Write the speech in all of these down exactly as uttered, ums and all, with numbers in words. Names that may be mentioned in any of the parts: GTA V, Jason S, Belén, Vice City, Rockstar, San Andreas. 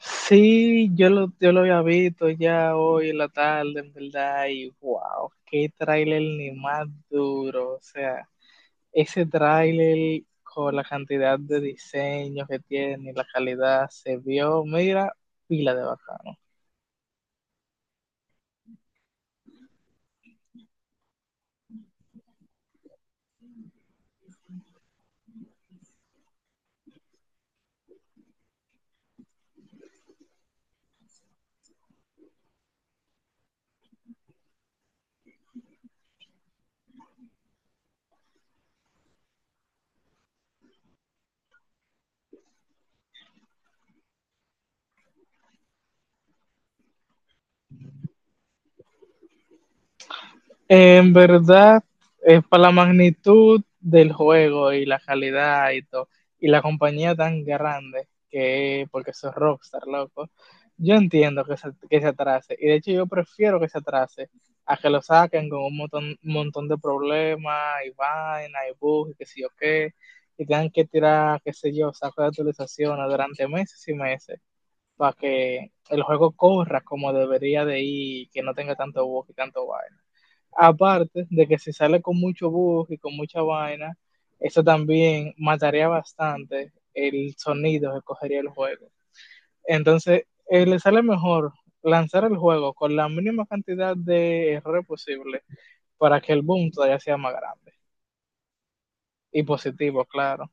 Sí, yo lo, yo lo había visto ya hoy en la tarde, en verdad, y wow, qué tráiler ni más duro. O sea, ese tráiler con la cantidad de diseño que tiene y la calidad se vio, mira, pila de bacano. En verdad, eh, para la magnitud del juego y la calidad y todo, y la compañía tan grande que es, porque eso es Rockstar, loco, yo entiendo que se, que se atrase. Y de hecho yo prefiero que se atrase a que lo saquen con un montón, un montón de problemas y vaina y bugs y qué sé yo qué, y tengan que tirar, qué sé yo, sacos de actualizaciones durante meses y meses para que el juego corra como debería de ir, que no tenga tanto bug y tanto vaina. Aparte de que si sale con mucho bug y con mucha vaina, eso también mataría bastante el sonido que cogería el juego. Entonces, eh, le sale mejor lanzar el juego con la mínima cantidad de error posible para que el boom todavía sea más grande y positivo, claro.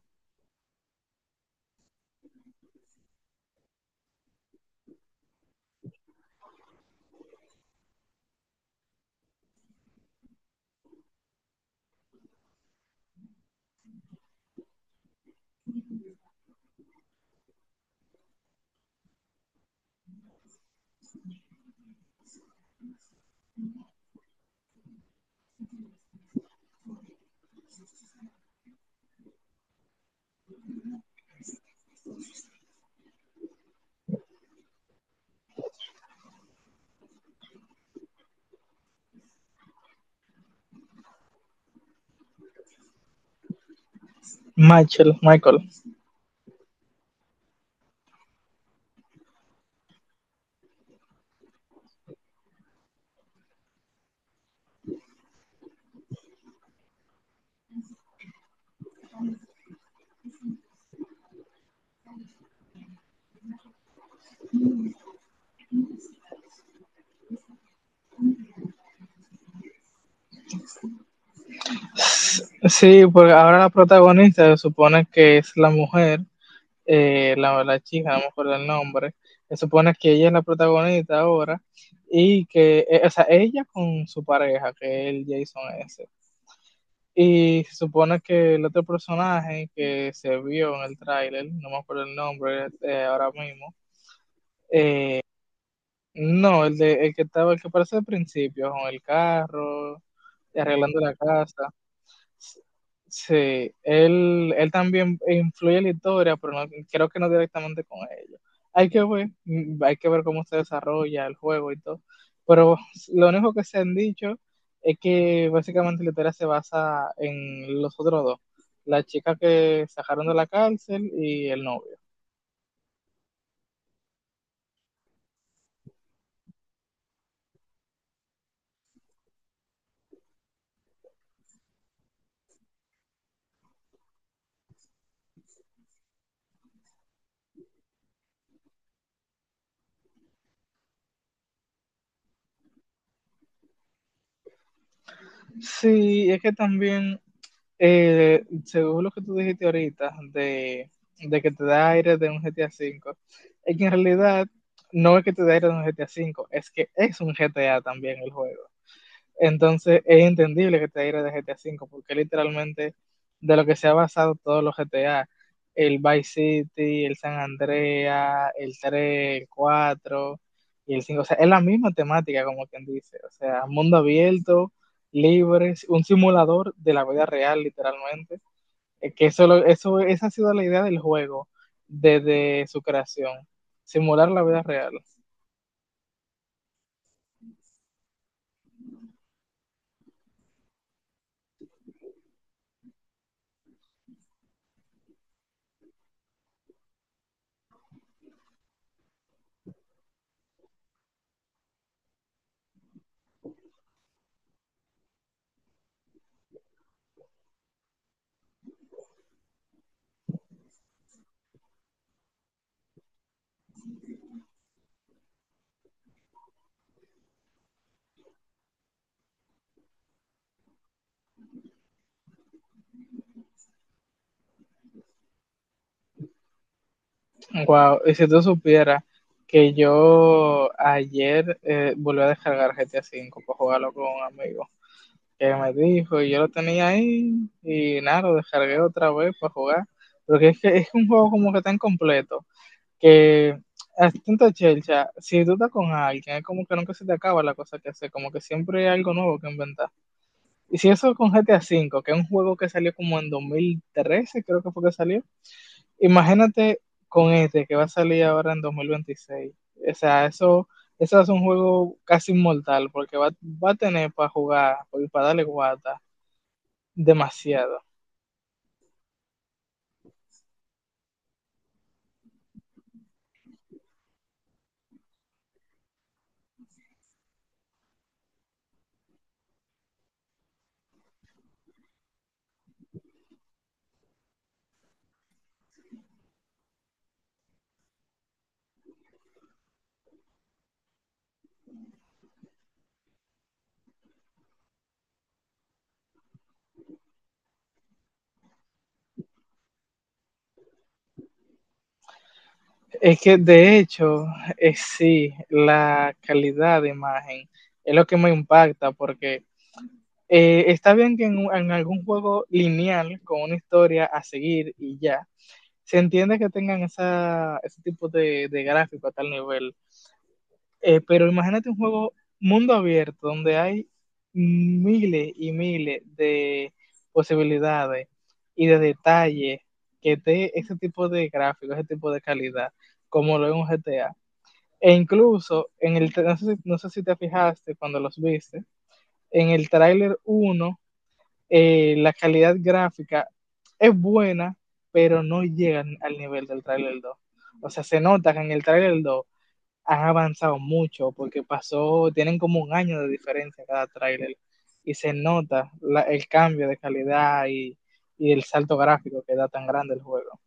Michael, Michael. Sí, porque ahora la protagonista se supone que es la mujer, eh, la, la chica, no me acuerdo el nombre, se supone que ella es la protagonista ahora y que, eh, o sea, ella con su pareja, que es el Jason S. Y se supone que el otro personaje que se vio en el tráiler, no me acuerdo el nombre eh, ahora mismo, no, el, de, el que estaba, el que aparece al principio, con el carro, arreglando la casa. Sí, él, él también influye en la historia, pero no, creo que no directamente con ellos. Hay que ver, mm, hay que ver cómo se desarrolla el juego y todo. Pero lo único que se han dicho es que básicamente la historia se basa en los otros dos, la chica que sacaron de la cárcel y el novio. Sí, es que también Eh, según lo que tú dijiste ahorita, de, de que te da aire de un G T A V, es que en realidad no es que te da aire de un G T A V, es que es un G T A también el juego. Entonces es entendible que te aire de G T A V, porque literalmente de lo que se ha basado todos los G T A, el Vice City, el San Andreas, el tres, el cuatro y el cinco. O sea, es la misma temática, como quien dice, o sea, mundo abierto, libre, un simulador de la vida real literalmente. Es que eso, lo- eso, esa ha sido la idea del juego desde su creación, simular la vida real. Wow, y si tú supieras que yo ayer eh, volví a descargar G T A V para jugarlo con un amigo que me dijo, y yo lo tenía ahí, y nada, lo descargué otra vez para jugar. Porque es que es un juego como que tan completo, que es tanta chelcha, si tú estás con alguien, es como que nunca se te acaba la cosa que hacer, como que siempre hay algo nuevo que inventar. Y si eso con G T A V, que es un juego que salió como en dos mil trece, creo que fue que salió. Imagínate con este que va a salir ahora en dos mil veintiséis. O sea, eso, eso es un juego casi inmortal porque va, va a tener para jugar, porque para darle guata, demasiado. Es que de hecho, es sí, la calidad de imagen es lo que me impacta porque eh, está bien que en, en algún juego lineal con una historia a seguir y ya, se entiende que tengan esa, ese tipo de, de gráfico a tal nivel. Eh, pero imagínate un juego mundo abierto donde hay miles y miles de posibilidades y de detalles que dé ese tipo de gráfico, ese tipo de calidad, como lo es un G T A. E incluso, en el, tra- no, sé, si- no sé si te fijaste cuando los viste, en el tráiler uno, eh, la calidad gráfica es buena, pero no llega al nivel del tráiler dos. O sea, se nota que en el tráiler dos han avanzado mucho porque pasó, tienen como un año de diferencia cada tráiler, y se nota la- el cambio de calidad y, y el salto gráfico que da tan grande el juego.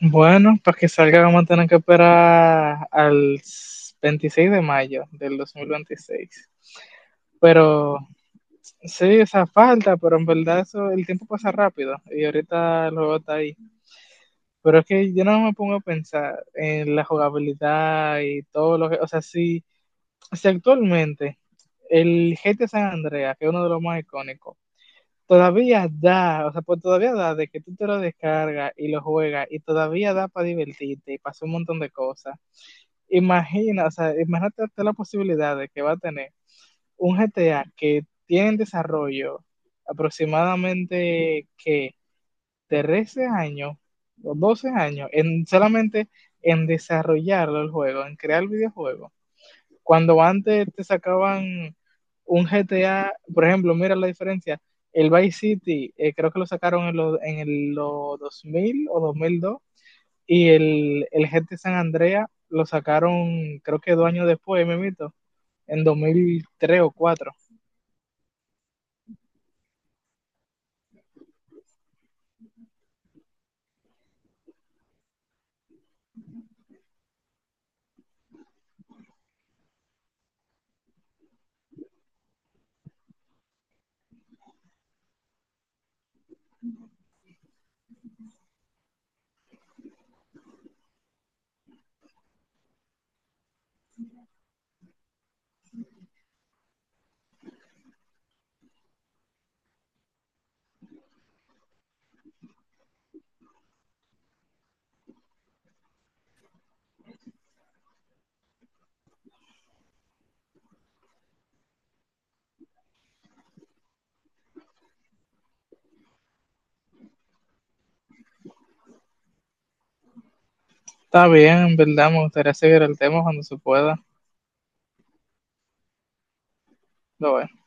Bueno, para que salga vamos a tener que esperar al s- veintiséis de mayo del dos mil veintiséis. Pero sí, esa falta, pero en verdad eso, el tiempo pasa rápido y ahorita el juego está ahí. Pero es que yo no me pongo a pensar en la jugabilidad y todo lo que, o sea, si si actualmente el G T A San Andreas, que es uno de los más icónicos, todavía da, o sea, pues todavía da de que tú te lo descargas y lo juegas y todavía da para divertirte y para hacer un montón de cosas. Imagina, o sea, imagínate la posibilidad de que va a tener un G T A que tiene en desarrollo aproximadamente que trece años o doce años en solamente en desarrollarlo el juego, en crear el videojuego cuando antes te sacaban un G T A, por ejemplo, mira la diferencia. El Vice City, eh, creo que lo sacaron en los en el, lo dos mil o dos mil dos, y el, el G T A San Andrea lo sacaron, creo que dos años después, me mito, en dos mil tres o dos mil cuatro. Está bien, en verdad, me gustaría seguir el tema cuando se pueda. Lo veo.